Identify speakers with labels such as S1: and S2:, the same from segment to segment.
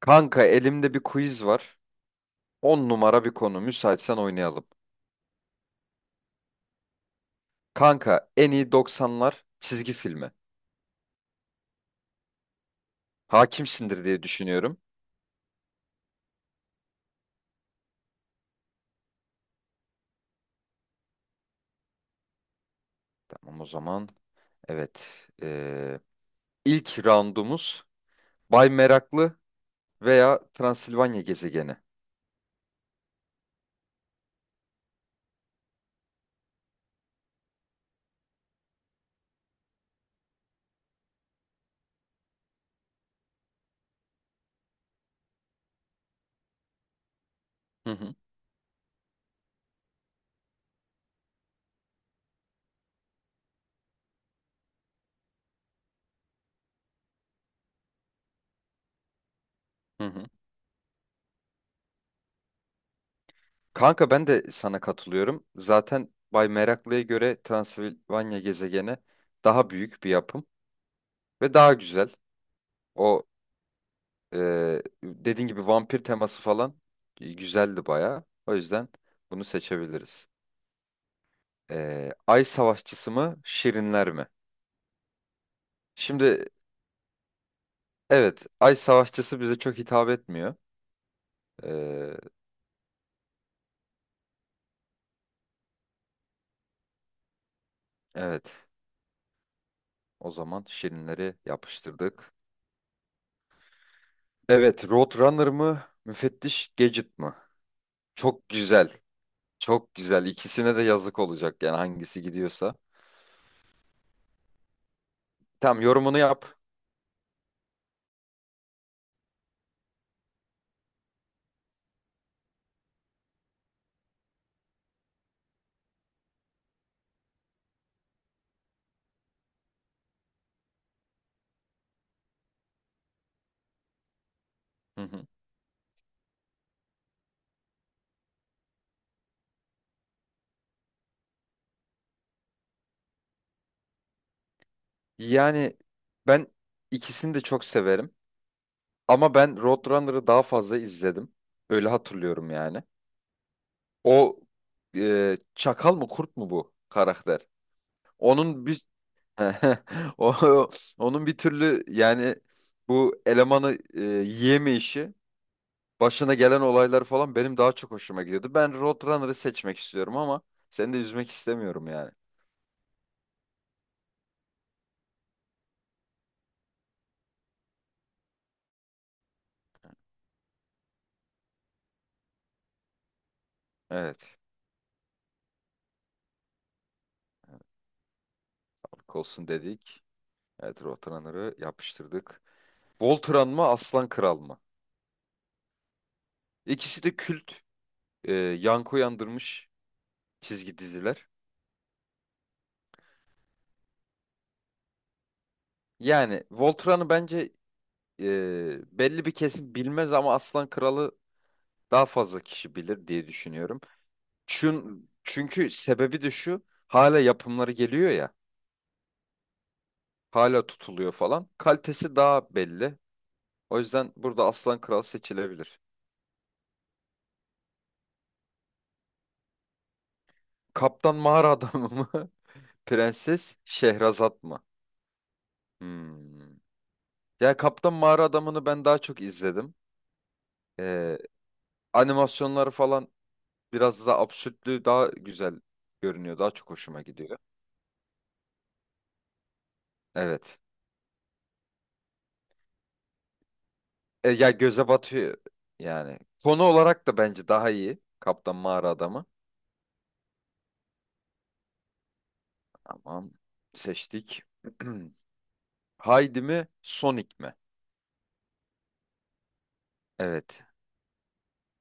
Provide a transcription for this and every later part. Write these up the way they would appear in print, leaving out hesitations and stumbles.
S1: Kanka elimde bir quiz var. 10 numara bir konu. Müsaitsen oynayalım. Kanka en iyi doksanlar çizgi filmi. Hakimsindir diye düşünüyorum. Tamam o zaman. Evet. İlk roundumuz Bay Meraklı veya Transilvanya gezegeni. Hı hı. Hı hı. Kanka ben de sana katılıyorum. Zaten Bay Meraklı'ya göre Transilvanya gezegeni daha büyük bir yapım ve daha güzel. O dediğin gibi vampir teması falan, güzeldi bayağı. O yüzden bunu seçebiliriz. Ay Savaşçısı mı, Şirinler mi? Şimdi evet, Ay Savaşçısı bize çok hitap etmiyor. Ee, evet, o zaman Şirinleri yapıştırdık. Evet, Roadrunner mı, Müfettiş Gadget mı? Çok güzel, çok güzel. İkisine de yazık olacak yani hangisi gidiyorsa. Tamam, yorumunu yap. Hı hı. Yani ben ikisini de çok severim. Ama ben Roadrunner'ı daha fazla izledim. Öyle hatırlıyorum yani. O, çakal mı kurt mu bu karakter? Onun bir o, onun bir türlü yani bu elemanı yiyemeyişi, başına gelen olaylar falan benim daha çok hoşuma gidiyordu. Ben Roadrunner'ı seçmek istiyorum ama seni de üzmek istemiyorum yani. Evet, olsun dedik. Evet, Roadrunner'ı yapıştırdık. Voltran mı, Aslan Kral mı? İkisi de kült, yankı uyandırmış çizgi diziler. Yani Voltran'ı bence, belli bir kesim bilmez ama Aslan Kralı daha fazla kişi bilir diye düşünüyorum. Çünkü sebebi de şu, hala yapımları geliyor ya, hala tutuluyor falan. Kalitesi daha belli. O yüzden burada Aslan Kral seçilebilir. Kaptan Mağara Adamı mı? Prenses Şehrazat mı? Hmm. Ya Kaptan Mağara Adamı'nı ben daha çok izledim. Ee, animasyonları falan, biraz da absürtlüğü daha güzel görünüyor. Daha çok hoşuma gidiyor. Evet. Ya göze batıyor yani. Konu olarak da bence daha iyi, Kaptan Mağara Adamı. Tamam. Seçtik. Haydi mi? Sonic mi? Evet.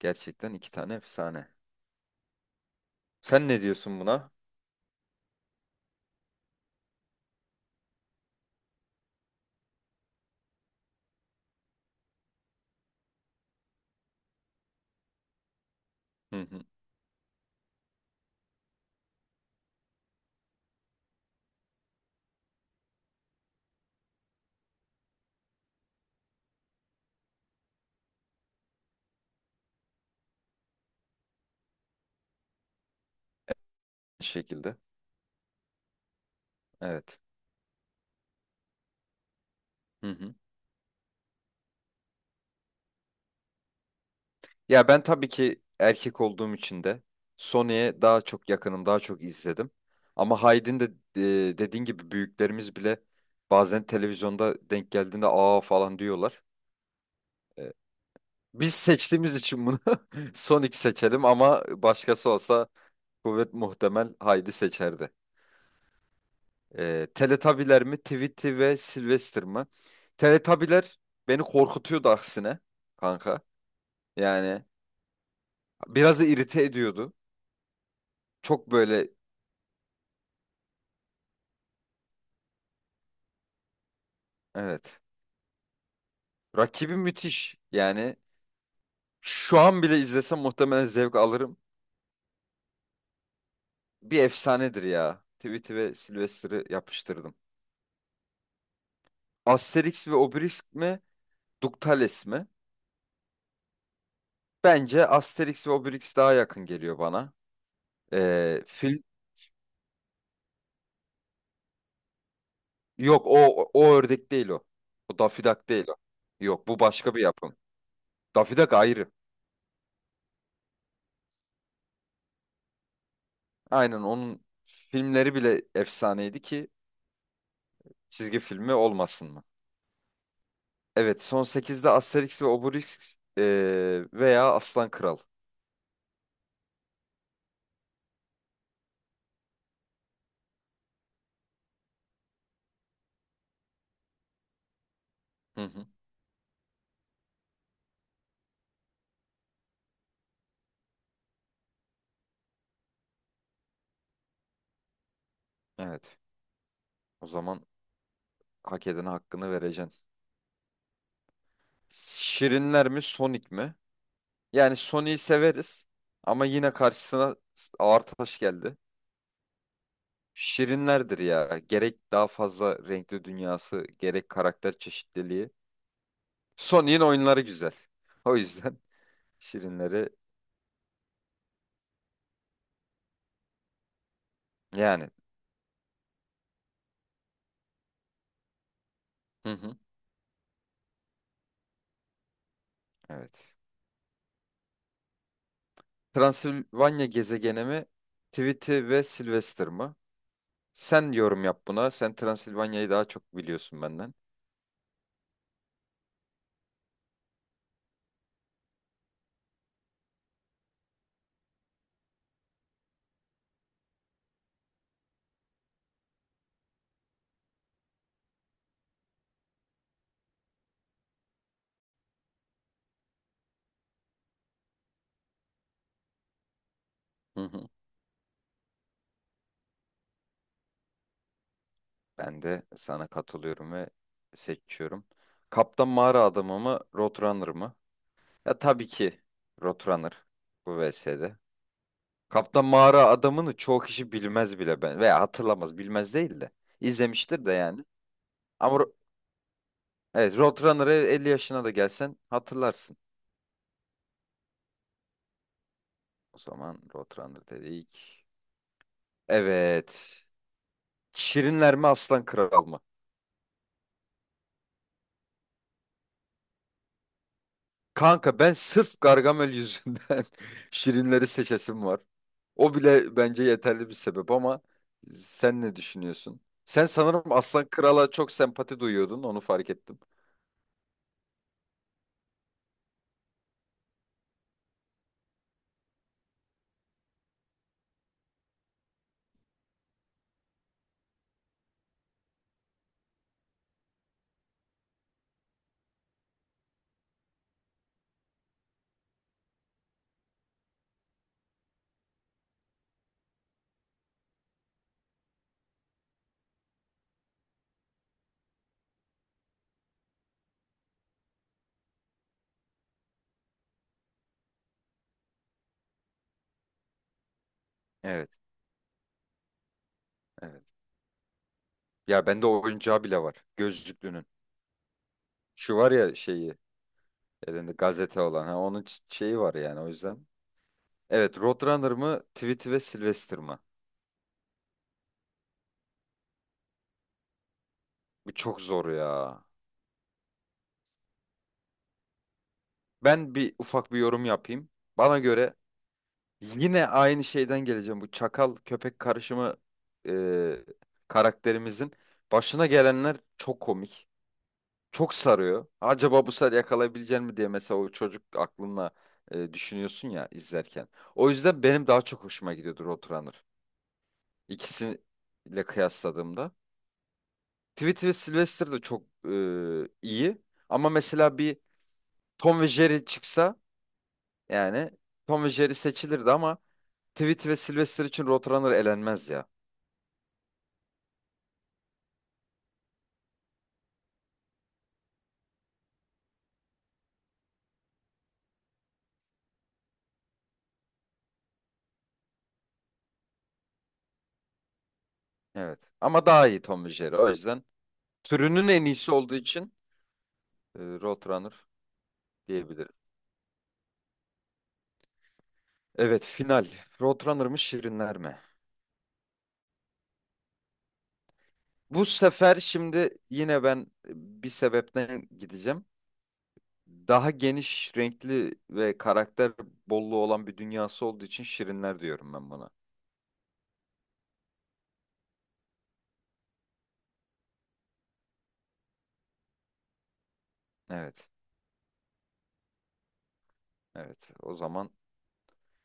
S1: Gerçekten iki tane efsane. Sen ne diyorsun buna? Hı hı. Şekilde. Evet. Hı hı. Ya ben tabii ki erkek olduğum için de Sony'ye daha çok yakınım, daha çok izledim. Ama Hyde'in de, dediğin gibi büyüklerimiz bile bazen televizyonda denk geldiğinde aa falan diyorlar. E, Biz seçtiğimiz için bunu Sonic seçelim ama başkası olsa kuvvet muhtemel Haydi seçerdi. Teletabiler mi, Tweety ve Sylvester mı? Teletabiler beni korkutuyordu aksine kanka. Yani biraz da irite ediyordu. Çok böyle, evet. Rakibi müthiş. Yani şu an bile izlesem muhtemelen zevk alırım. Bir efsanedir ya. Tweety ve Sylvester'ı yapıştırdım. Asterix ve Obelix mi? Ductales mi? Bence Asterix ve Obelix daha yakın geliyor bana. Ee, fil... Yok o, o ördek değil o. O Daffy Duck değil o. Yok, bu başka bir yapım. Daffy Duck ayrı. Aynen, onun filmleri bile efsaneydi ki çizgi filmi olmasın mı? Evet, son sekizde Asterix ve Obelix, veya Aslan Kral. Hı hı. Evet. O zaman hak edene hakkını vereceksin. Şirinler mi, Sonic mi? Yani Sonic'i severiz ama yine karşısına ağır taş geldi. Şirinlerdir ya. Gerek daha fazla renkli dünyası, gerek karakter çeşitliliği. Sonic'in oyunları güzel. O yüzden Şirinleri yani. Hı hı. Evet. Transilvanya gezegeni mi? Tweety ve Sylvester mı? Sen yorum yap buna. Sen Transilvanya'yı daha çok biliyorsun benden. Hı hı. Ben de sana katılıyorum ve seçiyorum. Kaptan Mağara Adamı mı, Roadrunner mı? Ya tabii ki Roadrunner bu VS'de. Kaptan Mağara Adamı'nı çoğu kişi bilmez bile, ben veya hatırlamaz, bilmez değil de izlemiştir de yani. Ama evet, Roadrunner'ı 50 yaşına da gelsen hatırlarsın. O zaman Roadrunner dedik. Evet. Şirinler mi, Aslan Kral mı? Kanka ben sırf Gargamel yüzünden Şirinleri seçesim var. O bile bence yeterli bir sebep ama sen ne düşünüyorsun? Sen sanırım Aslan Kral'a çok sempati duyuyordun, onu fark ettim. Evet, evet. Ya bende o oyuncağı bile var, gözlüklünün. Şu var ya, şeyi, elinde gazete olan, ha, onun şeyi var yani o yüzden. Evet, Roadrunner mı, Tweety ve Sylvester mı? Bu çok zor ya. Ben bir ufak bir yorum yapayım. Bana göre, yine aynı şeyden geleceğim. Bu çakal köpek karışımı, e, karakterimizin başına gelenler çok komik. Çok sarıyor. Acaba bu sefer yakalayabilecek mi diye mesela o çocuk aklınla, düşünüyorsun ya izlerken. O yüzden benim daha çok hoşuma gidiyordur Roadrunner, İkisiyle kıyasladığımda. Tweety ve Sylvester de çok iyi. Ama mesela bir Tom ve Jerry çıksa, yani Tom ve Jerry seçilirdi ama Tweety ve Sylvester için Roadrunner elenmez ya. Evet. Ama daha iyi Tom ve Jerry. O yüzden türünün en iyisi olduğu için Roadrunner diyebilirim. Evet, final. Roadrunner mı, Şirinler mi? Bu sefer şimdi yine ben e, bir sebepten gideceğim. Daha geniş, renkli ve karakter bolluğu olan bir dünyası olduğu için Şirinler diyorum ben buna. Evet. Evet. O zaman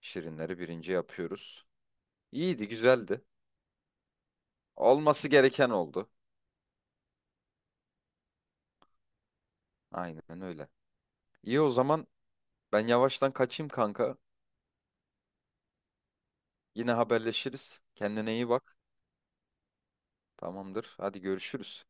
S1: Şirinleri birinci yapıyoruz. İyiydi, güzeldi. Olması gereken oldu. Aynen öyle. İyi o zaman, ben yavaştan kaçayım kanka. Yine haberleşiriz. Kendine iyi bak. Tamamdır. Hadi görüşürüz.